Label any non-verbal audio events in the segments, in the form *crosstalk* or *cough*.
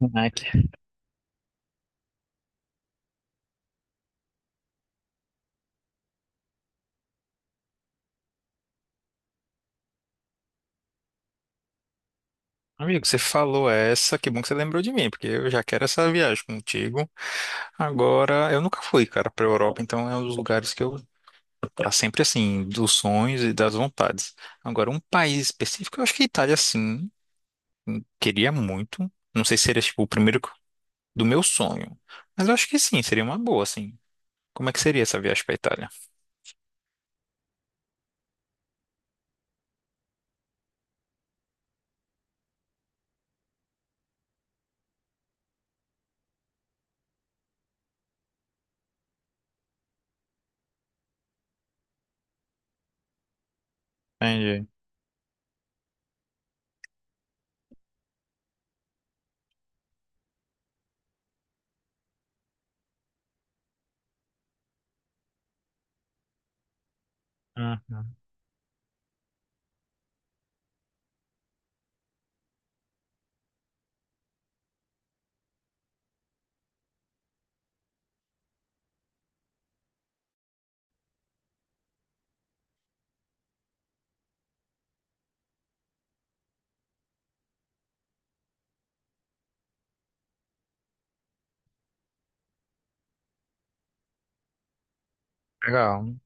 Caraca. Amigo, você falou essa, que bom que você lembrou de mim, porque eu já quero essa viagem contigo. Agora, eu nunca fui, cara, pra Europa, então é um dos lugares que eu tá sempre assim, dos sonhos e das vontades. Agora, um país específico, eu acho que a Itália, sim, queria muito. Não sei se seria, tipo, o primeiro do meu sonho, mas eu acho que sim, seria uma boa, assim. Como é que seria essa viagem pra Itália? Entendi. Uhum. Legal.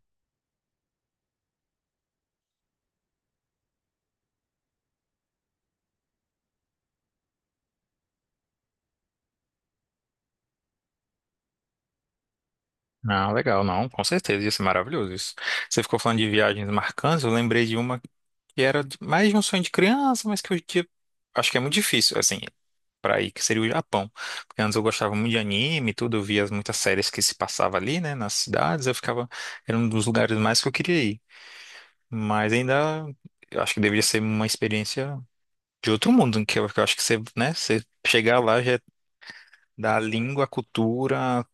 Não, legal, não, com certeza, ia ser maravilhoso isso. Você ficou falando de viagens marcantes, eu lembrei de uma. Mais de um sonho de criança, mas que hoje em dia acho que é muito difícil, assim, pra ir, que seria o Japão. Porque antes eu gostava muito de anime e tudo, eu via as muitas séries que se passava ali, né, nas cidades, eu ficava, era um dos lugares mais que eu queria ir. Mas ainda, eu acho que deveria ser uma experiência de outro mundo, que eu acho que você, né, você chegar lá já é da língua, a cultura,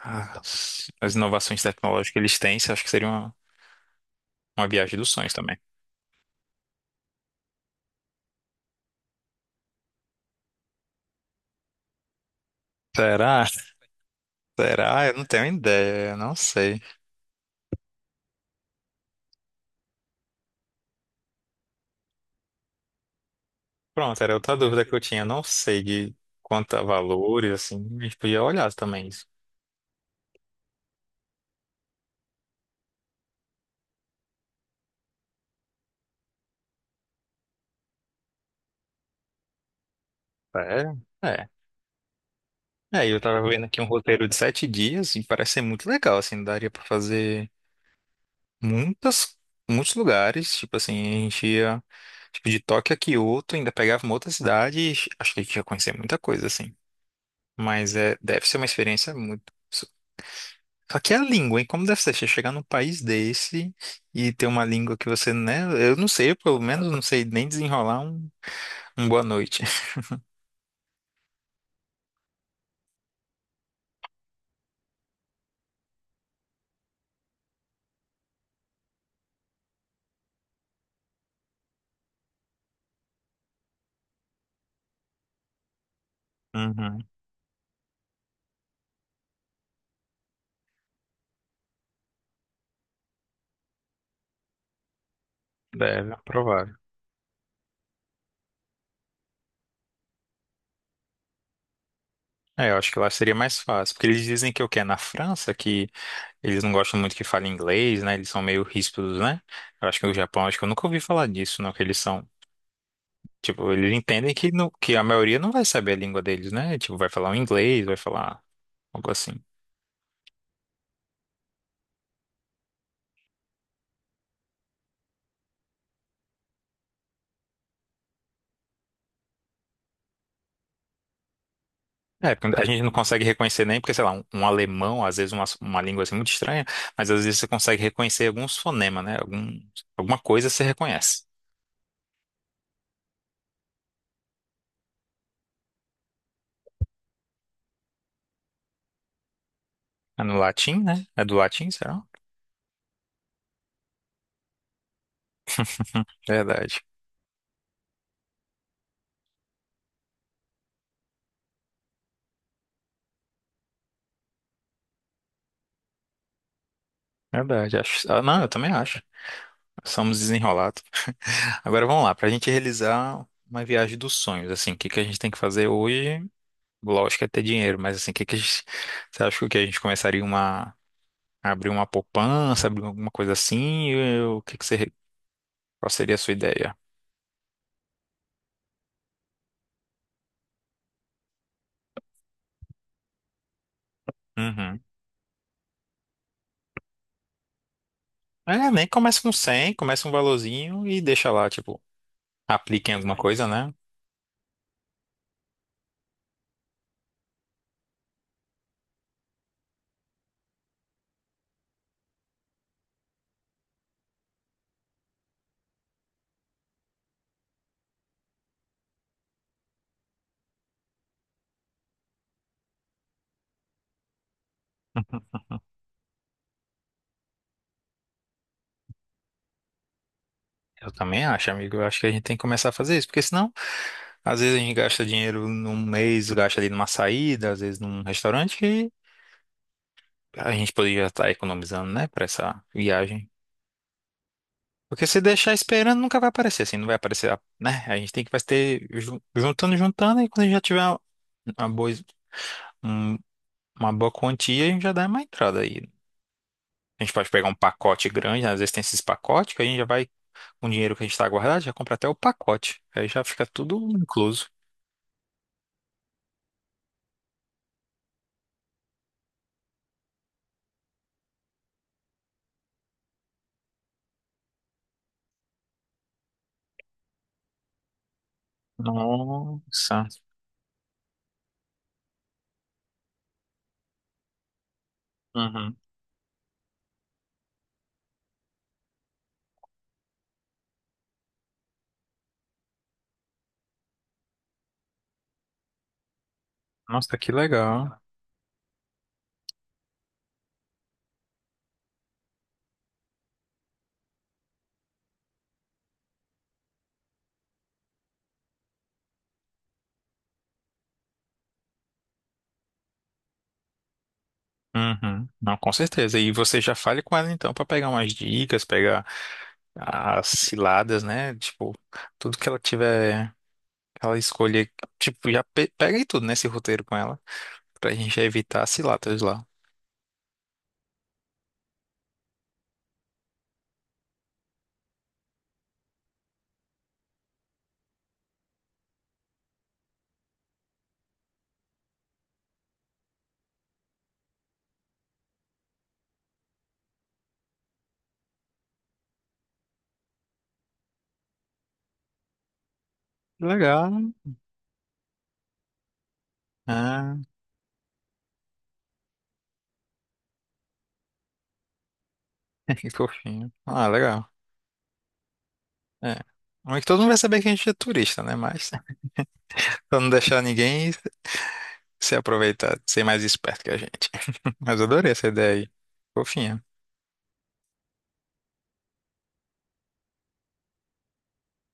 as inovações tecnológicas que eles têm, eu acho que seria uma viagem dos sonhos também. Será? Será? Eu não tenho ideia, eu não sei. Pronto, era outra dúvida que eu tinha. Eu não sei de quanto a valores, assim, a gente podia olhar também isso. É, é. É, eu tava vendo aqui um roteiro de 7 dias e parece ser muito legal, assim, daria pra fazer muitas, muitos lugares, tipo assim, a gente ia, tipo, de Tóquio a Kyoto, ainda pegava uma outra cidade e acho que a gente ia conhecer muita coisa, assim. Mas é, deve ser uma experiência muito... Só que é a língua, hein? Como deve ser? Você chegar num país desse e ter uma língua que você, né? Eu não sei, pelo menos não sei nem desenrolar um boa noite. Uhum, deve, é provável. É, eu acho que lá seria mais fácil, porque eles dizem que o que é na França, que eles não gostam muito que fale inglês, né? Eles são meio ríspidos, né? Eu acho que o Japão, acho que eu nunca ouvi falar disso, não, que eles são, tipo, eles entendem que, não, que a maioria não vai saber a língua deles, né? Tipo, vai falar um inglês, vai falar algo assim. É, porque a gente não consegue reconhecer nem, porque, sei lá, um alemão, às vezes uma língua assim muito estranha, mas às vezes você consegue reconhecer alguns fonemas, né? Algum, alguma coisa você reconhece. É no latim, né? É do latim, será? Verdade, verdade. Acho... ah, não, eu também acho. Somos desenrolados. *laughs* Agora vamos lá, para a gente realizar uma viagem dos sonhos, assim, o que que a gente tem que fazer hoje? Lógico é ter dinheiro, mas assim, o que que a gente... Você acha que a gente começaria uma... a abrir uma poupança, abrir alguma coisa assim? O que que você... Qual seria a sua ideia? Uhum. É, nem começa com 100, começa um valorzinho e deixa lá, tipo, aplica em alguma coisa, né? Eu também acho, amigo. Eu acho que a gente tem que começar a fazer isso, porque senão, às vezes a gente gasta dinheiro num mês, gasta ali numa saída, às vezes num restaurante, que a gente poderia estar economizando, né, para essa viagem. Porque se deixar esperando, nunca vai aparecer, assim, não vai aparecer, né? A gente tem que juntando, juntando, e quando a gente já tiver uma boa, um- uma boa quantia, a gente já dá uma entrada aí. A gente pode pegar um pacote grande, né? Às vezes tem esses pacotes que a gente já vai, com o dinheiro que a gente está guardado, já compra até o pacote. Aí já fica tudo incluso. Nossa. Uhum. Nossa, que legal. Uhum. Não, com certeza. E você já fale com ela então para pegar umas dicas, pegar as ciladas, né? Tipo, tudo que ela tiver, que ela escolher, tipo, já pe pega aí tudo nesse roteiro com ela, pra gente evitar as ciladas lá. Legal. Ah, *laughs* que fofinho. Ah, legal. É. Mas que todo mundo vai saber que a gente é turista, né? Mas *laughs* pra não deixar ninguém se aproveitar, ser mais esperto que a gente. *laughs* Mas eu adorei essa ideia aí. Fofinha.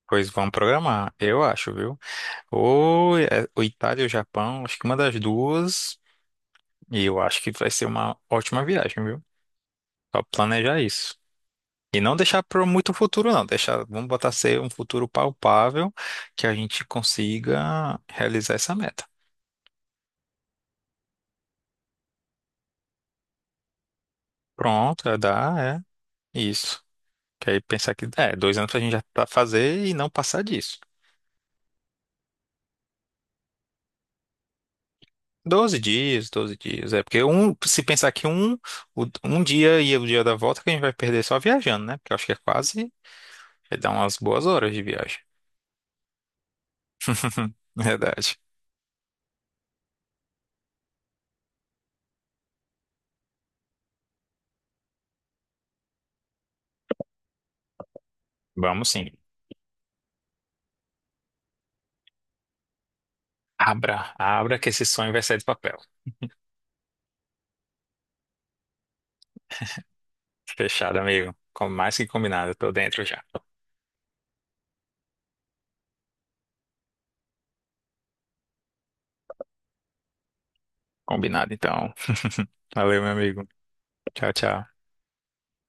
Pois vamos programar, eu acho, viu? Ou é, ou Itália ou Japão, acho que uma das duas. E eu acho que vai ser uma ótima viagem, viu? Só planejar isso. E não deixar para muito futuro, não. Deixar, vamos botar ser um futuro palpável que a gente consiga realizar essa meta. Pronto, é, dá, é isso. Que aí pensar que é, 2 anos pra gente já tá fazer e não passar disso. 12 dias, 12 dias. É porque um, se pensar que um, um dia e o dia da volta que a gente vai perder só viajando, né? Porque eu acho que é quase, vai dar umas boas horas de viagem. *laughs* Verdade. Vamos sim. Abra, abra que esse sonho vai sair do papel. Fechado, amigo. Com mais que combinado, eu tô dentro já. Combinado, então. *laughs* Valeu, meu amigo. Tchau, tchau.